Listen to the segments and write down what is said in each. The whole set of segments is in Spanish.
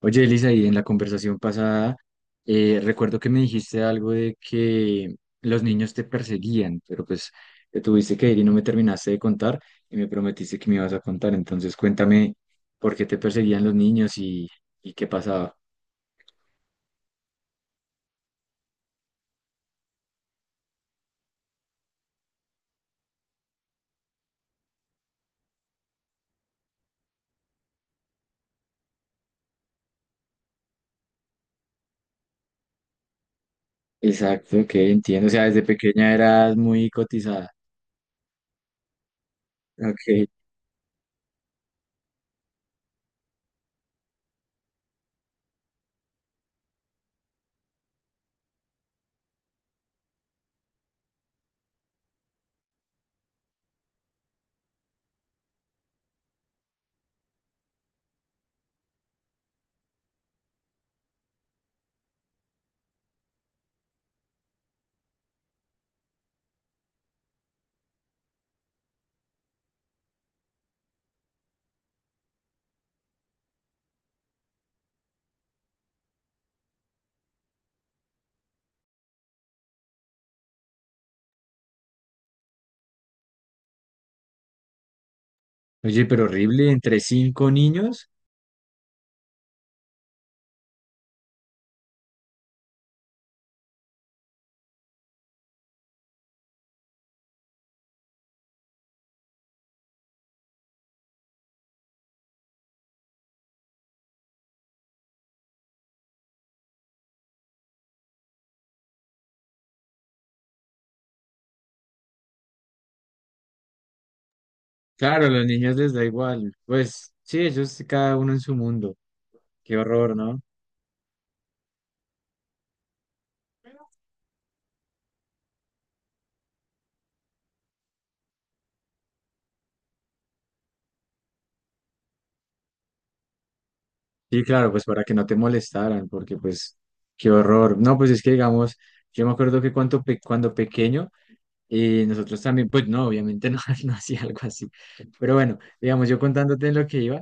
Oye, Elisa, y en la conversación pasada, recuerdo que me dijiste algo de que los niños te perseguían, pero pues te tuviste que ir y no me terminaste de contar y me prometiste que me ibas a contar. Entonces, cuéntame por qué te perseguían los niños y qué pasaba. Exacto, que entiendo. O sea, desde pequeña eras muy cotizada. Ok. Oye, pero horrible, entre cinco niños. Claro, a los niños les da igual. Pues sí, ellos cada uno en su mundo. Qué horror, ¿no? Sí, claro, pues para que no te molestaran, porque pues qué horror. No, pues es que digamos, yo me acuerdo que cuando, cuando pequeño, nosotros también, pues no, obviamente no, no hacía algo así. Pero bueno, digamos, yo contándote lo que iba,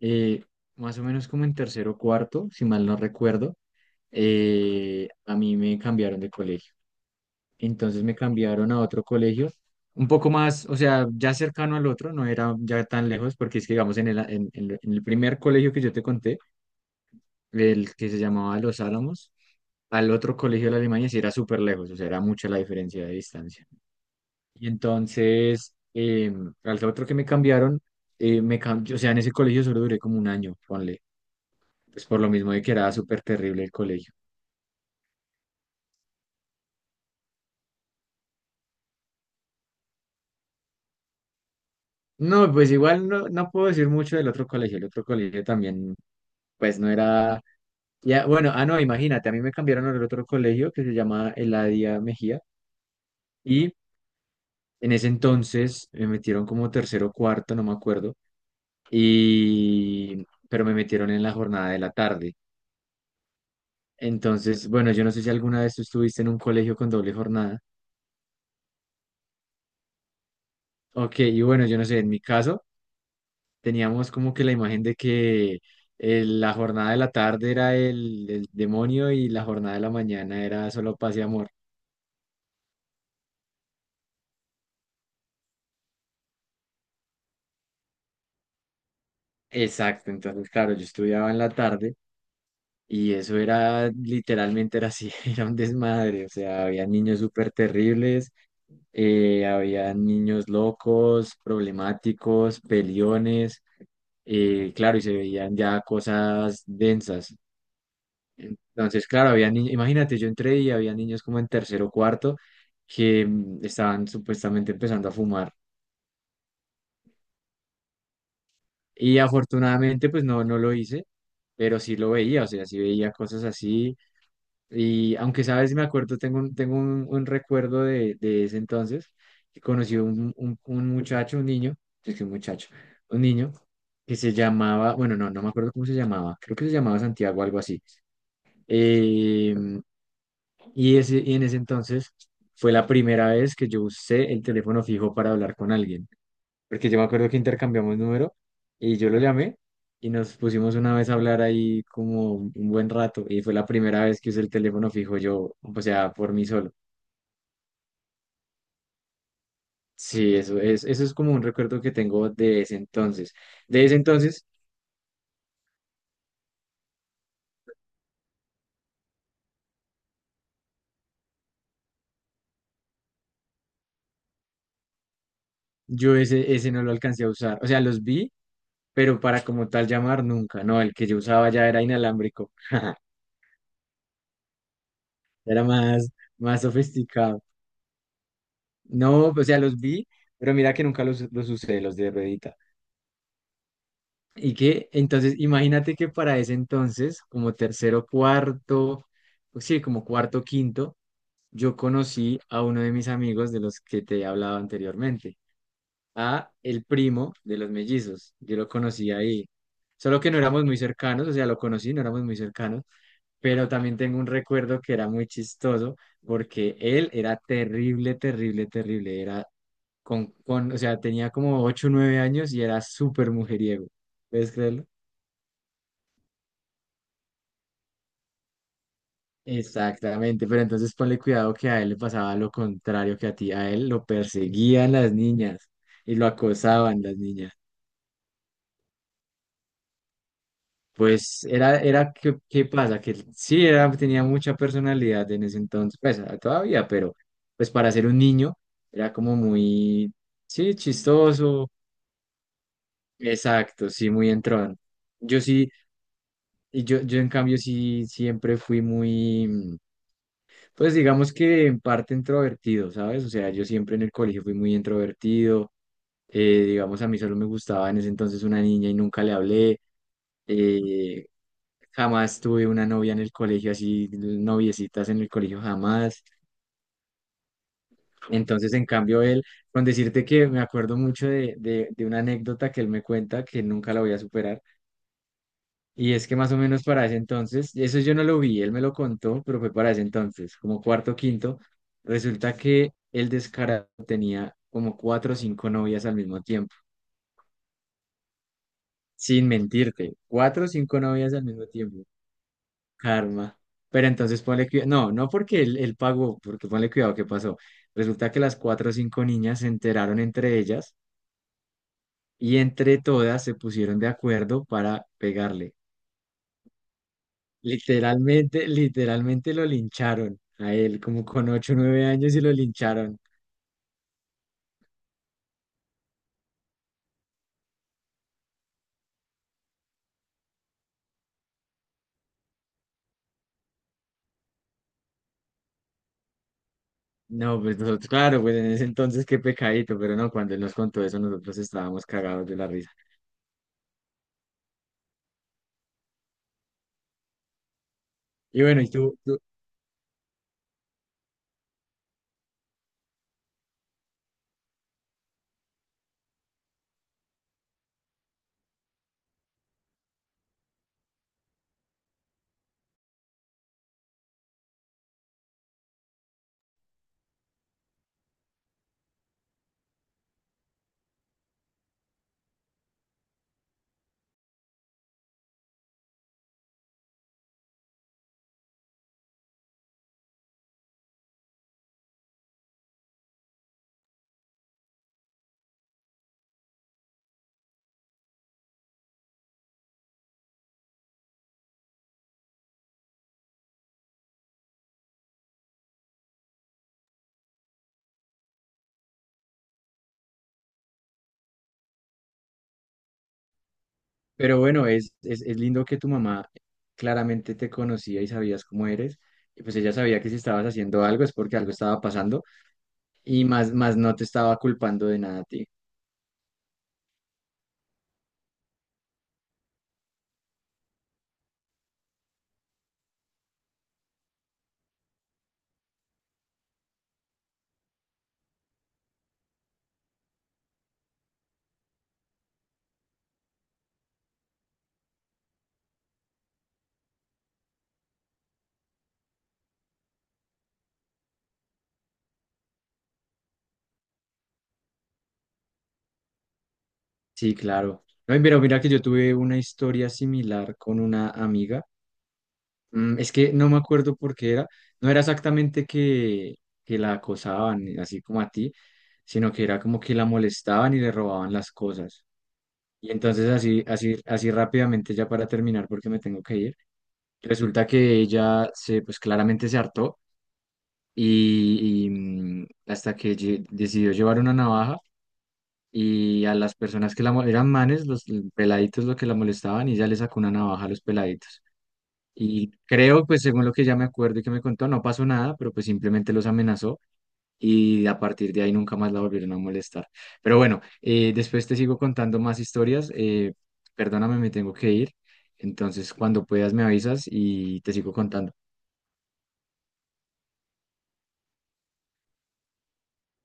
eh, más o menos como en tercero o cuarto, si mal no recuerdo, a mí me cambiaron de colegio. Entonces me cambiaron a otro colegio, un poco más, o sea, ya cercano al otro, no era ya tan lejos, porque es que digamos, en el, en el primer colegio que yo te conté, el que se llamaba Los Álamos, al otro colegio de la Alemania sí era súper lejos, o sea, era mucha la diferencia de distancia. Y entonces, al otro que me cambiaron, o sea, en ese colegio solo duré como un año, ponle, pues por lo mismo de que era súper terrible el colegio. No, pues igual no, no puedo decir mucho del otro colegio, el otro colegio también, pues no era, ya, bueno, ah, no, imagínate, a mí me cambiaron al otro colegio que se llama Eladia Mejía y en ese entonces me metieron como tercero o cuarto, no me acuerdo y, pero me metieron en la jornada de la tarde. Entonces, bueno, yo no sé si alguna vez tú estuviste en un colegio con doble jornada. Ok, y bueno, yo no sé, en mi caso teníamos como que la imagen de que la jornada de la tarde era el demonio y la jornada de la mañana era solo paz y amor. Exacto, entonces, claro, yo estudiaba en la tarde y eso era literalmente era así, era un desmadre, o sea, había niños súper terribles, había niños locos, problemáticos, peliones, claro, y se veían ya cosas densas. Entonces, claro, había niños, imagínate, yo entré y había niños como en tercero o cuarto que estaban supuestamente empezando a fumar. Y afortunadamente, pues no, no lo hice, pero sí lo veía, o sea, sí veía cosas así. Y aunque sabes, me acuerdo, un recuerdo de ese entonces, que conocí un muchacho, un niño, es que un muchacho, un niño que se llamaba, bueno, no, no me acuerdo cómo se llamaba, creo que se llamaba Santiago, algo así. Eh, y, ese, y en ese entonces fue la primera vez que yo usé el teléfono fijo para hablar con alguien porque yo me acuerdo que intercambiamos número y yo lo llamé y nos pusimos una vez a hablar ahí como un buen rato y fue la primera vez que usé el teléfono fijo yo, o sea, por mí solo. Sí, eso es como un recuerdo que tengo de ese entonces. De ese entonces, yo ese, ese no lo alcancé a usar. O sea, los vi, pero para como tal llamar nunca, no, el que yo usaba ya era inalámbrico. Era más, más sofisticado. No, o sea, los vi, pero mira que nunca los, los usé, los de ruedita. Y que entonces, imagínate que para ese entonces, como tercero, cuarto, pues sí, como cuarto, quinto, yo conocí a uno de mis amigos de los que te he hablado anteriormente, a el primo de los mellizos. Yo lo conocí ahí. Solo que no éramos muy cercanos, o sea, lo conocí, no éramos muy cercanos, pero también tengo un recuerdo que era muy chistoso porque él era terrible, terrible, terrible. Era o sea, tenía como 8 o 9 años y era súper mujeriego. ¿Puedes creerlo? Exactamente, pero entonces ponle cuidado que a él le pasaba lo contrario que a ti, a él lo perseguían las niñas y lo acosaban las niñas. Pues era, era, ¿qué, qué pasa? Que él sí era, tenía mucha personalidad en ese entonces, pues ah, todavía, pero pues para ser un niño era como muy, sí, chistoso, exacto, sí, muy entrón. Yo sí, yo en cambio sí siempre fui muy... Pues digamos que en parte introvertido, ¿sabes? O sea, yo siempre en el colegio fui muy introvertido, digamos, a mí solo me gustaba en ese entonces una niña y nunca le hablé, eh, jamás tuve una novia en el colegio, así noviecitas en el colegio, jamás. Entonces, en cambio, él, con decirte que me acuerdo mucho de una anécdota que él me cuenta que nunca la voy a superar. Y es que más o menos para ese entonces, eso yo no lo vi, él me lo contó, pero fue para ese entonces, como cuarto, quinto, resulta que el descarado tenía como cuatro o cinco novias al mismo tiempo, sin mentirte, cuatro o cinco novias al mismo tiempo, karma. Pero entonces ponle cuidado, no, no porque él pagó, porque ponle cuidado qué pasó. Resulta que las cuatro o cinco niñas se enteraron entre ellas y entre todas se pusieron de acuerdo para pegarle. Literalmente, literalmente lo lincharon a él, como con ocho o 9 años y lo lincharon. No, pues nosotros, claro, pues en ese entonces qué pecadito, pero no, cuando él nos contó eso nosotros estábamos cagados de la risa. Y bueno, y tú, pero bueno, es lindo que tu mamá claramente te conocía y sabías cómo eres, y pues ella sabía que si estabas haciendo algo es porque algo estaba pasando, y más, más no te estaba culpando de nada a ti. Sí, claro. No, y mira, mira que yo tuve una historia similar con una amiga. Es que no me acuerdo por qué era. No era exactamente que la acosaban, así como a ti, sino que era como que la molestaban y le robaban las cosas. Y entonces así, así, así rápidamente, ya para terminar, porque me tengo que ir, resulta que ella se, pues claramente se hartó y, hasta que decidió llevar una navaja y a las personas que eran manes, los peladitos, lo que la molestaban, y ella le sacó una navaja a los peladitos. Y creo, pues según lo que ya me acuerdo y que me contó, no pasó nada, pero pues simplemente los amenazó y a partir de ahí nunca más la volvieron a molestar. Pero bueno, después te sigo contando más historias. Perdóname, me tengo que ir. Entonces, cuando puedas me avisas y te sigo contando.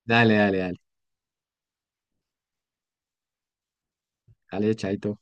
Dale, dale, dale. Dale, chaito.